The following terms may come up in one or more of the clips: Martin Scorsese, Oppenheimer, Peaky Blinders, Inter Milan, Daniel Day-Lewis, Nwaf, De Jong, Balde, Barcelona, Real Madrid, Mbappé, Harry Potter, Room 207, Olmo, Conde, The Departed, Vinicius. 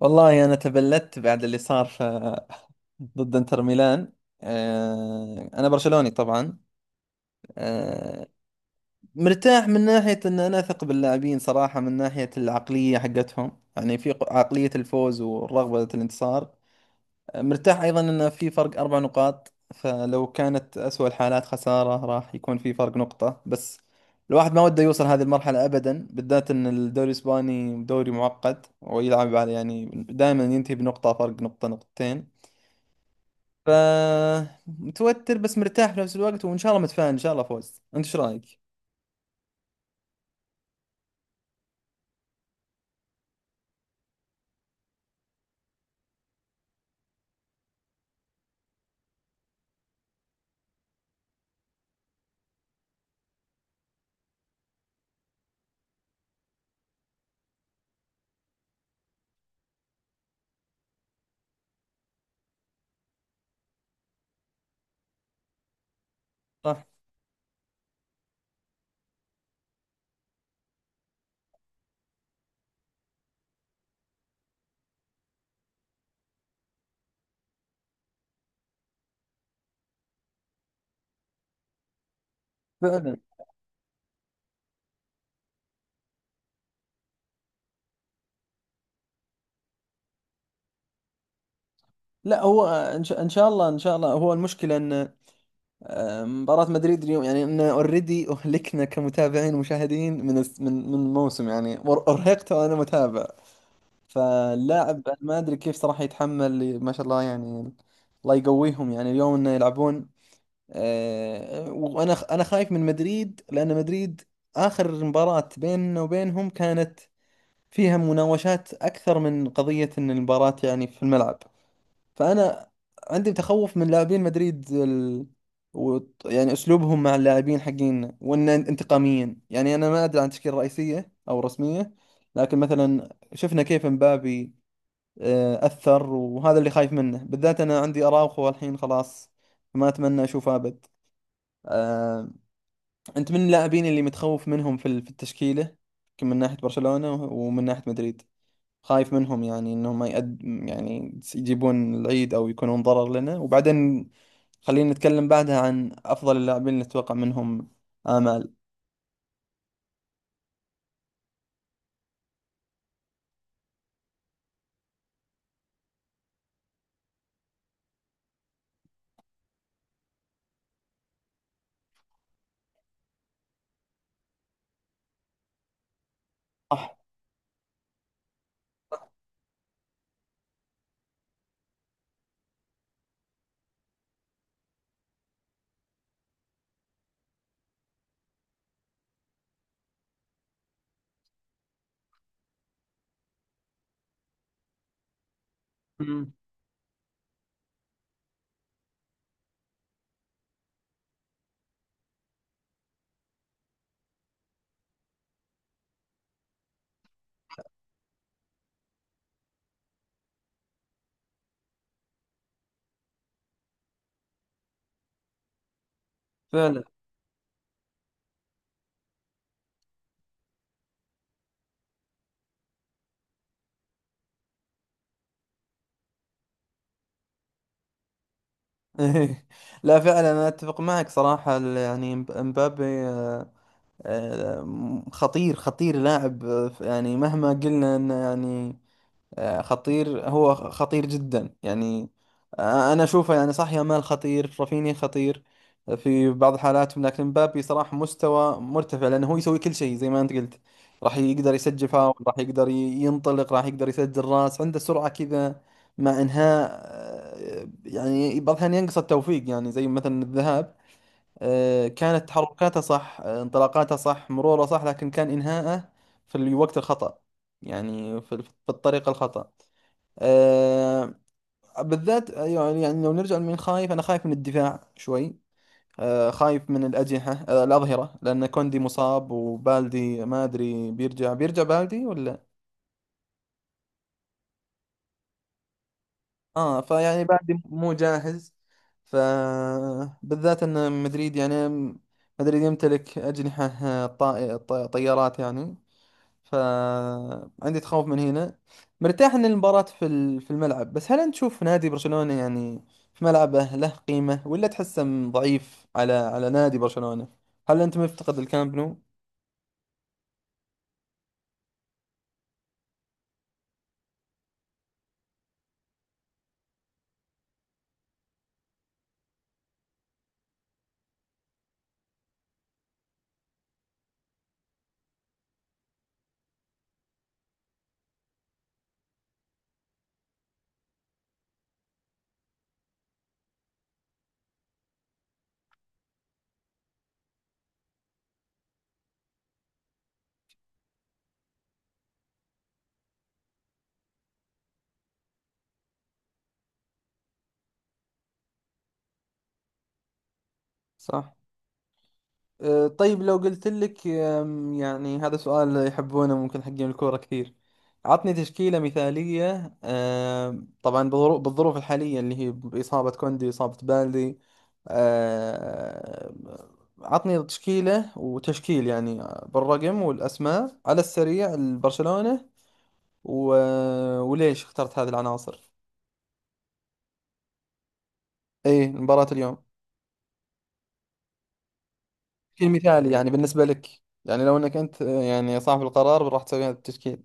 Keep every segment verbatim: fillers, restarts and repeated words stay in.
والله أنا تبلدت بعد اللي صار ف... ضد إنتر ميلان. آه، أنا برشلوني طبعا. آه، مرتاح من ناحية أن أنا أثق باللاعبين صراحة، من ناحية العقلية حقتهم، يعني في ق- عقلية الفوز والرغبة الانتصار. مرتاح أيضا أن في فرق أربع نقاط، فلو كانت أسوأ الحالات خسارة راح يكون في فرق نقطة بس. الواحد ما وده يوصل هذه المرحلة أبدا، بالذات أن الدوري الإسباني دوري معقد ويلعب على، يعني دائما ينتهي بنقطة، فرق نقطة نقطتين. فمتوتر بس مرتاح في نفس الوقت، وإن شاء الله متفائل، إن شاء الله فوز. أنت إيش رأيك؟ صح. فعلا. لا هو إن شاء إن شاء الله إن شاء الله هو المشكلة أن مباراة مدريد اليوم، يعني ان اوريدي اهلكنا كمتابعين ومشاهدين من الس- من من الموسم يعني، وار- ارهقت وانا متابع. فاللاعب أنا ما ادري كيف صراحة يتحمل، ما شاء الله يعني. الله يقويهم يعني اليوم انه يلعبون. آه، وانا خ- انا خايف من مدريد، لان مدريد اخر مباراة بيننا وبينهم كانت فيها مناوشات اكثر من قضية ان المباراة يعني في الملعب. فانا عندي تخوف من لاعبين مدريد ال... و... يعني اسلوبهم مع اللاعبين حقين، وان انتقاميين. يعني انا ما ادري عن تشكيله رئيسيه او رسميه، لكن مثلا شفنا كيف مبابي آه، اثر، وهذا اللي خايف منه. بالذات انا عندي اراوخو الحين خلاص، ما اتمنى اشوفه ابد. آه، انت من اللاعبين اللي متخوف منهم في ال- في التشكيله، من ناحيه برشلونه ومن ناحيه مدريد؟ خايف منهم، يعني انهم ما يقد، يعني يجيبون العيد او يكونون ضرر لنا. وبعدين خلينا نتكلم بعدها عن افضل اللاعبين اللي نتوقع منهم امال. مم. فعلا. لا فعلا انا اتفق معك صراحة، ال- يعني مب- مبابي، آه، آه، خطير، خطير لاعب آه، يعني مهما قلنا انه يعني آه، خطير، هو خطير جدا يعني. آه، أنا أشوفه يعني، صح يامال خطير، رافينيا خطير في بعض حالاتهم، لكن مبابي صراحة مستوى مرتفع، لأنه هو يسوي كل شيء زي ما أنت قلت. راح يقدر يسجل فاول، راح يقدر ي- ينطلق، راح يقدر يسجل راس، عنده سرعة كذا مع إنهاء. آه، يعني بعض الأحيان ينقص التوفيق، يعني زي مثلا الذهاب، آه، كانت تحركاته صح، آه، انطلاقاته صح، مروره صح، لكن كان إنهاءه في الوقت الخطأ، يعني في في الطريقة الخطأ. آه، بالذات، آه، يعني يعني لو نرجع لمين خايف، أنا خايف من الدفاع شوي. آه، خايف من الأجنحة، آه الأظهرة، لأن كوندي مصاب، وبالدي ما أدري بيرجع بيرجع بالدي ولا؟ آه، فيعني بالدي مو جاهز. فبالذات أن مدريد يعني، مدريد يمتلك أجنحة آه، طائ- طي- طيارات يعني. فعندي تخوف من هنا. مرتاح ان المباراة في ال- في الملعب، بس هل انت تشوف نادي برشلونة يعني في ملعبه له قيمة، ولا تحسه م- ضعيف على على نادي برشلونة؟ هل انت مفتقد الكامب نو؟ صح. أه، طيب لو قلت لك، أم، يعني هذا سؤال يحبونه ممكن حقين الكورة كثير، عطني تشكيلة مثالية. أم، طبعا بظروف، بالظروف الحالية اللي هي بإصابة كوندي، إصابة بالدي. أم، عطني تشكيلة وتشكيل يعني بالرقم والأسماء على السريع لبرشلونة، و... وليش اخترت هذه العناصر؟ اي مباراة اليوم، تشكيل مثالي يعني بالنسبة لك، يعني لو انك انت، أه، يعني صاحب القرار راح تسوي هذا التشكيل.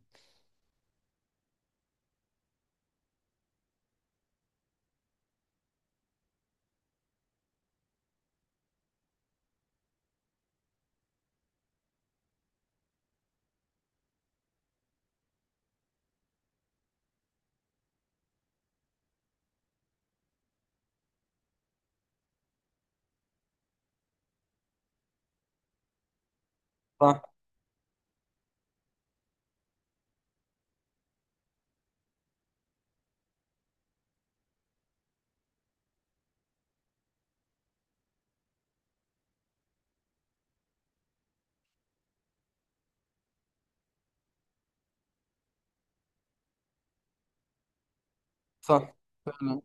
صح. فعلا.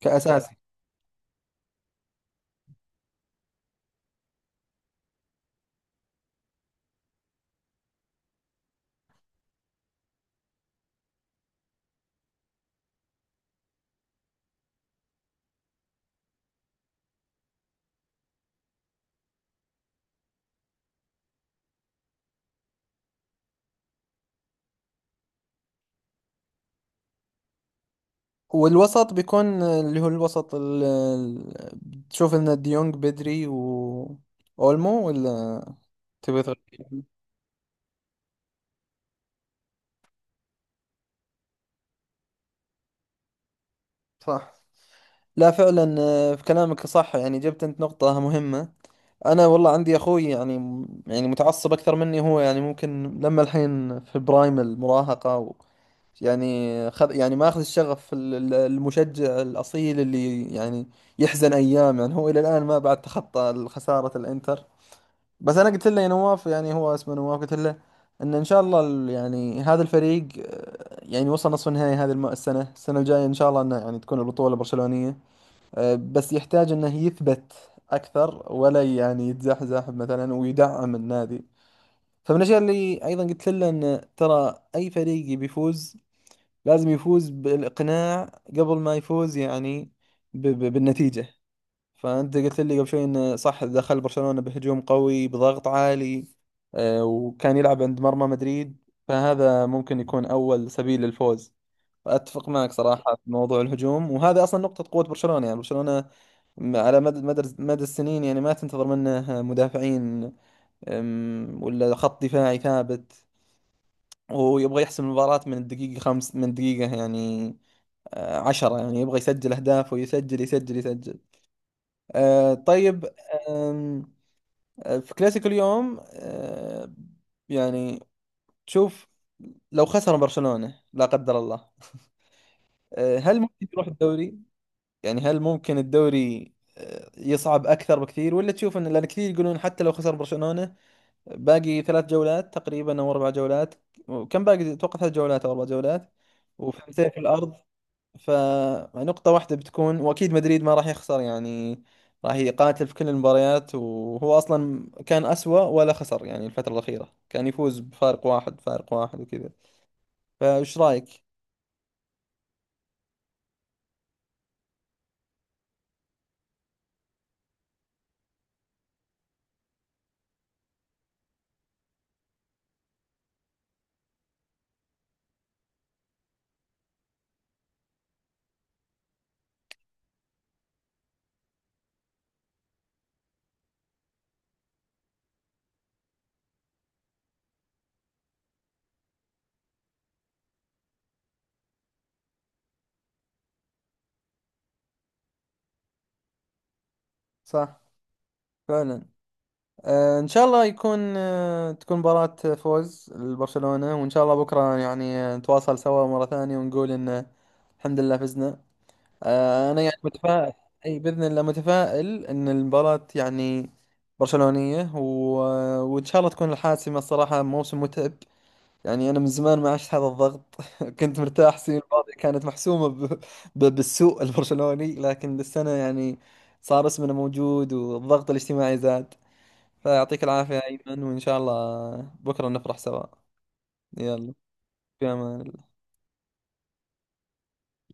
كأساسي. والوسط بيكون، اللي هو الوسط ال... ال- بتشوف ان ديونج بدري و اولمو، ولا تبي تغير؟ صح. لا فعلا آه، في كلامك صح، يعني جبت انت نقطة مهمة. انا والله عندي اخوي يعني، يعني متعصب اكثر مني، هو يعني ممكن لما الحين في برايم المراهقة و يعني خذ، يعني ما اخذ الشغف، ال- ال- المشجع الاصيل اللي يعني يحزن ايام، يعني هو الى الان ما بعد تخطى خسارة الانتر. بس انا قلت له، يا نواف، يعني هو اسمه نواف، قلت له ان ان شاء الله ال- يعني هذا الفريق آه، يعني وصل نصف النهائي هذه الم- السنه، السنه الجايه ان شاء الله انه يعني تكون البطوله برشلونيه. آه، بس يحتاج انه يثبت اكثر، ولا يعني يتزحزح مثلا، ويدعم النادي. فمن الاشياء اللي ايضا قلت له، ان ترى اي فريق بيفوز لازم يفوز بالاقناع قبل ما يفوز يعني ب- ب- بالنتيجه. فأنت قلت لي قبل شوي إنه صح دخل برشلونة بهجوم قوي بضغط عالي، آه، وكان يلعب عند مرمى مدريد، فهذا ممكن يكون أول سبيل للفوز. فأتفق معك صراحة في موضوع الهجوم، وهذا أصلا نقطة قوة برشلونة. يعني برشلونة م- على مدى مدى مدى السنين يعني ما تنتظر منه آه، مدافعين، أم، ولا خط دفاعي ثابت، ويبغى يحسم المباراة من الدقيقة خمس من دقيقة يعني، آه، عشرة، يعني يبغى يسجل أهداف، ويسجل يسجل يسجل. آه، طيب، في كلاسيكو اليوم، آه، يعني تشوف لو خسر برشلونة لا قدر الله، آه، هل ممكن يروح الدوري؟ يعني هل ممكن الدوري آه، يصعب أكثر بكثير، ولا تشوف أن، لأن كثير يقولون حتى لو خسر برشلونة، باقي ثلاث جولات تقريبا أو أربع جولات. كم باقي؟ أتوقع ثلاث جولات أو أربع جولات، وفرقتين في الأرض. فنقطة واحدة بتكون، وأكيد مدريد ما راح يخسر يعني، راح يقاتل في كل المباريات، وهو أصلا كان أسوأ، ولا خسر يعني الفترة الأخيرة، كان يفوز بفارق واحد، فارق واحد وكذا. فإيش رأيك؟ صح. فعلا. آه، إن شاء الله يكون، آه تكون مباراة فوز لبرشلونة، وإن شاء الله بكرة يعني آه، نتواصل سوا مرة ثانية ونقول إن الحمد لله فزنا. آه، انا يعني متفائل. اي باذن الله متفائل ان المباراه يعني برشلونيه، و... وان شاء الله تكون الحاسمه. الصراحه موسم متعب، يعني انا من زمان ما عشت هذا الضغط. كنت مرتاح السنه الماضيه، كانت محسومه ب... ب... بالسوء البرشلوني، لكن السنه يعني صار اسمنا موجود، والضغط الاجتماعي زاد. فيعطيك العافيه يا ايمن، وان شاء الله بكره نفرح سوا. يلا. في امان الله.